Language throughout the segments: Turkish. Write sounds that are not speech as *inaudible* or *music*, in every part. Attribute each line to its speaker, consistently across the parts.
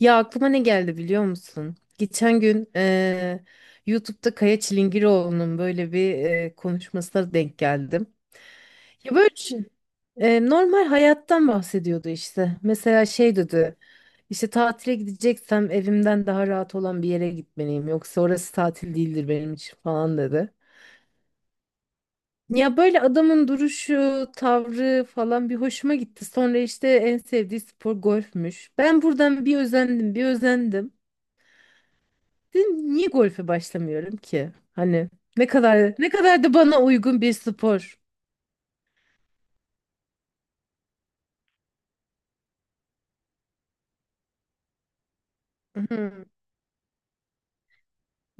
Speaker 1: Ya aklıma ne geldi biliyor musun? Geçen gün YouTube'da Kaya Çilingiroğlu'nun böyle bir konuşmasına denk geldim. Ya böyle şey, normal hayattan bahsediyordu işte. Mesela şey dedi. İşte tatile gideceksem evimden daha rahat olan bir yere gitmeliyim. Yoksa orası tatil değildir benim için falan dedi. Ya böyle adamın duruşu, tavrı falan bir hoşuma gitti. Sonra işte en sevdiği spor golfmüş. Ben buradan bir özendim, bir özendim. Dedim, niye golfe başlamıyorum ki? Hani ne kadar ne kadar da bana uygun bir spor.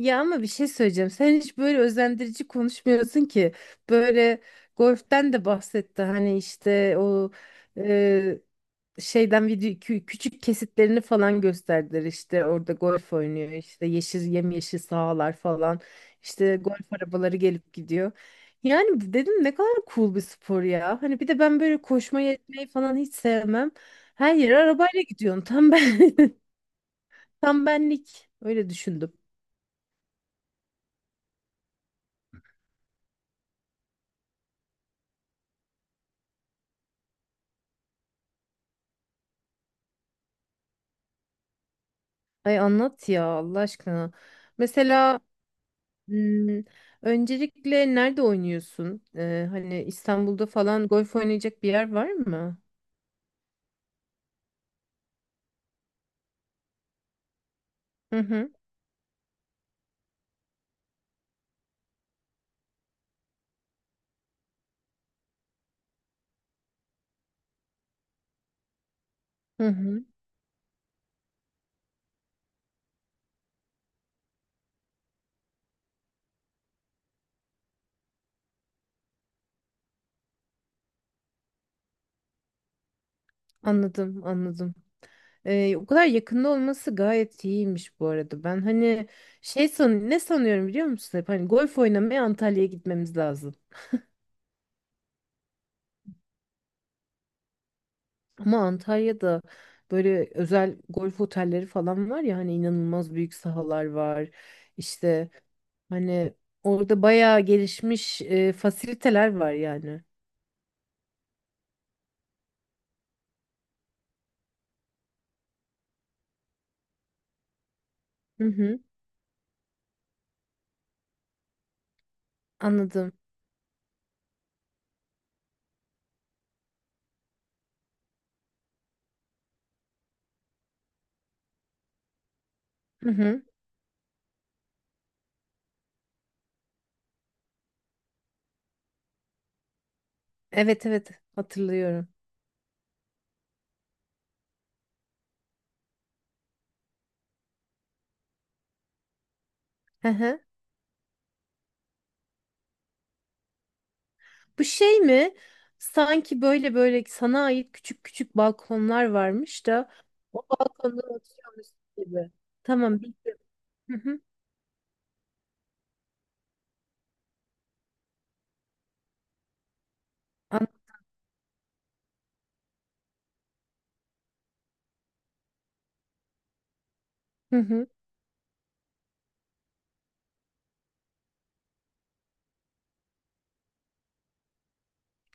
Speaker 1: Ya ama bir şey söyleyeceğim. Sen hiç böyle özendirici konuşmuyorsun ki. Böyle golften de bahsetti. Hani işte o e, şeyden video küçük kesitlerini falan gösterdiler, işte orada golf oynuyor, işte yeşil yemyeşil sahalar falan, işte golf arabaları gelip gidiyor. Yani dedim ne kadar cool bir spor ya. Hani bir de ben böyle koşmayı etmeyi falan hiç sevmem. Her yere arabayla gidiyorsun. Tam ben *laughs* tam benlik öyle düşündüm. Ay anlat ya Allah aşkına. Mesela hmm, öncelikle nerede oynuyorsun? Hani İstanbul'da falan golf oynayacak bir yer var mı? Hı hı. Hı hı. Anladım, anladım. O kadar yakında olması gayet iyiymiş bu arada. Ben hani şey san ne sanıyorum biliyor musun? Hep hani golf oynamaya Antalya'ya gitmemiz lazım. Ama Antalya'da böyle özel golf otelleri falan var ya, hani inanılmaz büyük sahalar var. İşte hani orada bayağı gelişmiş e, fasiliteler var yani. Hı hı, anladım. Hı hı. Evet evet, hatırlıyorum. Hı hı. Bu şey mi? Sanki böyle böyle sana ait küçük küçük balkonlar varmış da o balkondan atıyormuş gibi. Tamam bildim. Hı hı. An- Hı hı.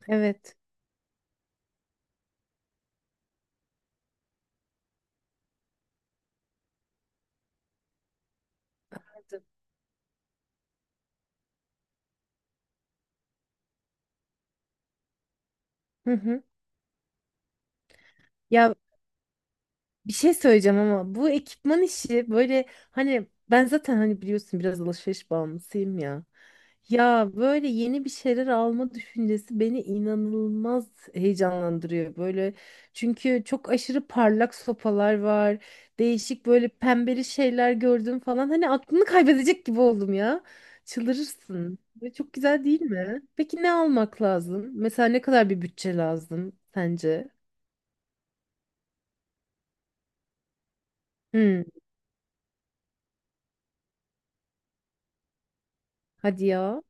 Speaker 1: Evet. Hı hı. Ya, bir şey söyleyeceğim ama bu ekipman işi böyle, hani ben zaten hani biliyorsun biraz alışveriş bağımlısıyım ya. Ya böyle yeni bir şeyler alma düşüncesi beni inanılmaz heyecanlandırıyor böyle. Çünkü çok aşırı parlak sopalar var. Değişik böyle pembeli şeyler gördüm falan. Hani aklını kaybedecek gibi oldum ya. Çıldırırsın. Ve çok güzel değil mi? Peki ne almak lazım? Mesela ne kadar bir bütçe lazım sence? Hmm, hadi ya.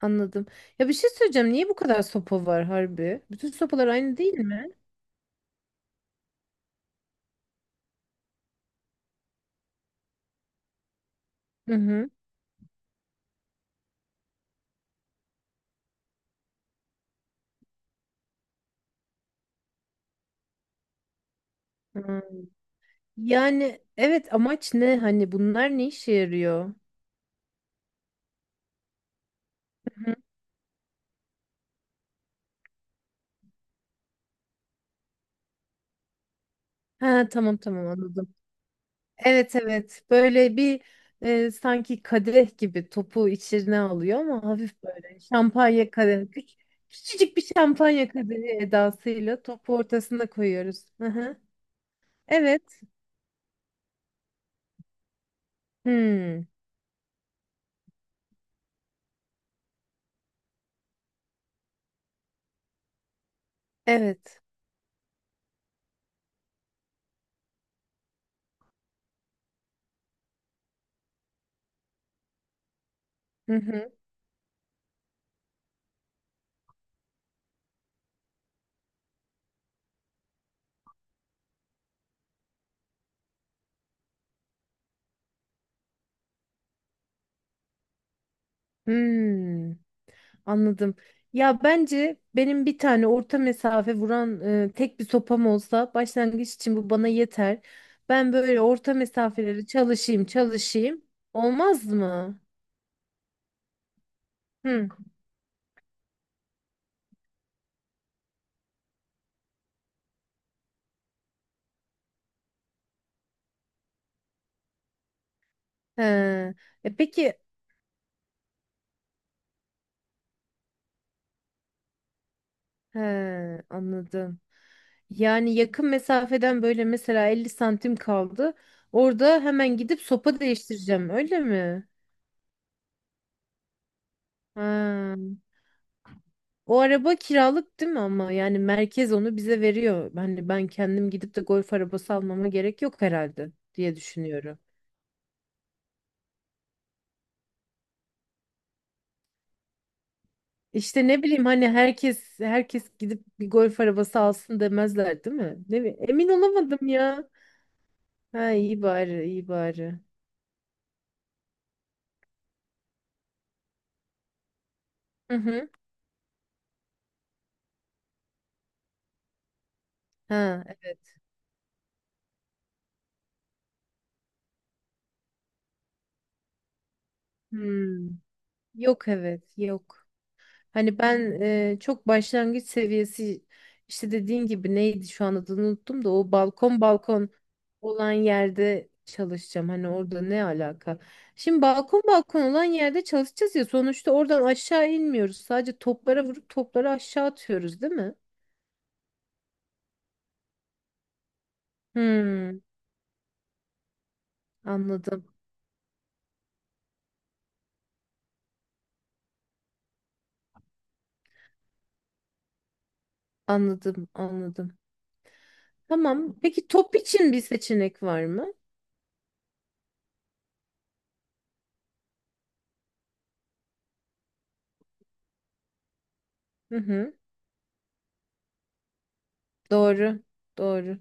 Speaker 1: Anladım. Ya bir şey söyleyeceğim. Niye bu kadar sopa var harbi? Bütün sopalar aynı değil mi? Hı hı. Hı. Yani evet amaç ne? Hani bunlar ne işe yarıyor? Hı. Ha tamam tamam anladım. Evet evet. Böyle bir sanki kadeh gibi topu içine alıyor, ama hafif böyle şampanya kadeh. Küçücük bir şampanya kadehi edasıyla topu ortasına koyuyoruz. Hı hı. Evet. Hmm. Evet. Hı hı. Hmm. Anladım. Ya bence benim bir tane orta mesafe vuran tek bir sopam olsa başlangıç için bu bana yeter. Ben böyle orta mesafeleri çalışayım, çalışayım. Olmaz mı? Hı. He. E peki he, anladım. Yani yakın mesafeden böyle mesela 50 santim kaldı. Orada hemen gidip sopa değiştireceğim, öyle mi? Ha. O araba kiralık değil mi ama, yani merkez onu bize veriyor. Hani ben kendim gidip de golf arabası almama gerek yok herhalde diye düşünüyorum. İşte ne bileyim, hani herkes herkes gidip bir golf arabası alsın demezler değil mi? Emin olamadım ya. Ha iyi bari, iyi bari. Hı hı. Ha evet. Hmm. Yok evet, yok. Hani ben çok başlangıç seviyesi, işte dediğin gibi neydi şu an adını unuttum da, o balkon balkon olan yerde çalışacağım. Hani orada ne alaka? Şimdi balkon balkon olan yerde çalışacağız ya, sonuçta oradan aşağı inmiyoruz. Sadece toplara vurup topları aşağı atıyoruz değil mi? Hmm, anladım. Anladım, anladım. Tamam. Peki top için bir seçenek var mı? Hı hı. Doğru. Doğru.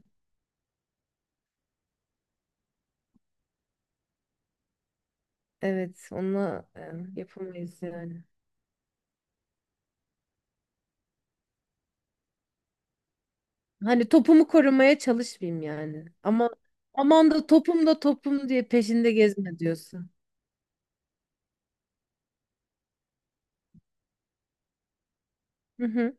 Speaker 1: Evet, onunla yapamayız yani. Hani topumu korumaya çalışmayayım yani. Ama aman da topum da topum diye peşinde gezme diyorsun. Hı hı.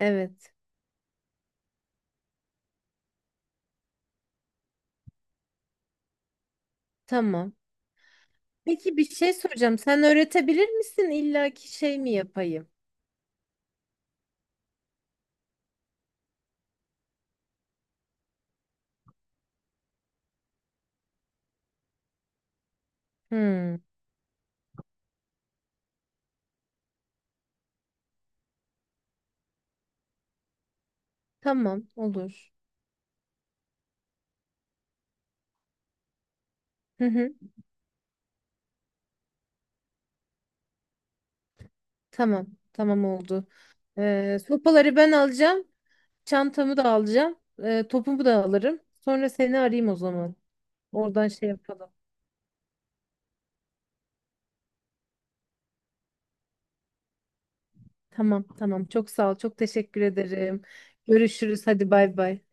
Speaker 1: Evet. Tamam. Peki bir şey soracağım. Sen öğretebilir misin? İlla ki şey mi yapayım? Hmm. Tamam. Olur. Hı hı. Tamam. Tamam oldu. Sopaları ben alacağım. Çantamı da alacağım. Topumu da alırım. Sonra seni arayayım o zaman. Oradan şey yapalım. Tamam. Tamam. Çok sağ ol. Çok teşekkür ederim. Görüşürüz. Hadi bay bay.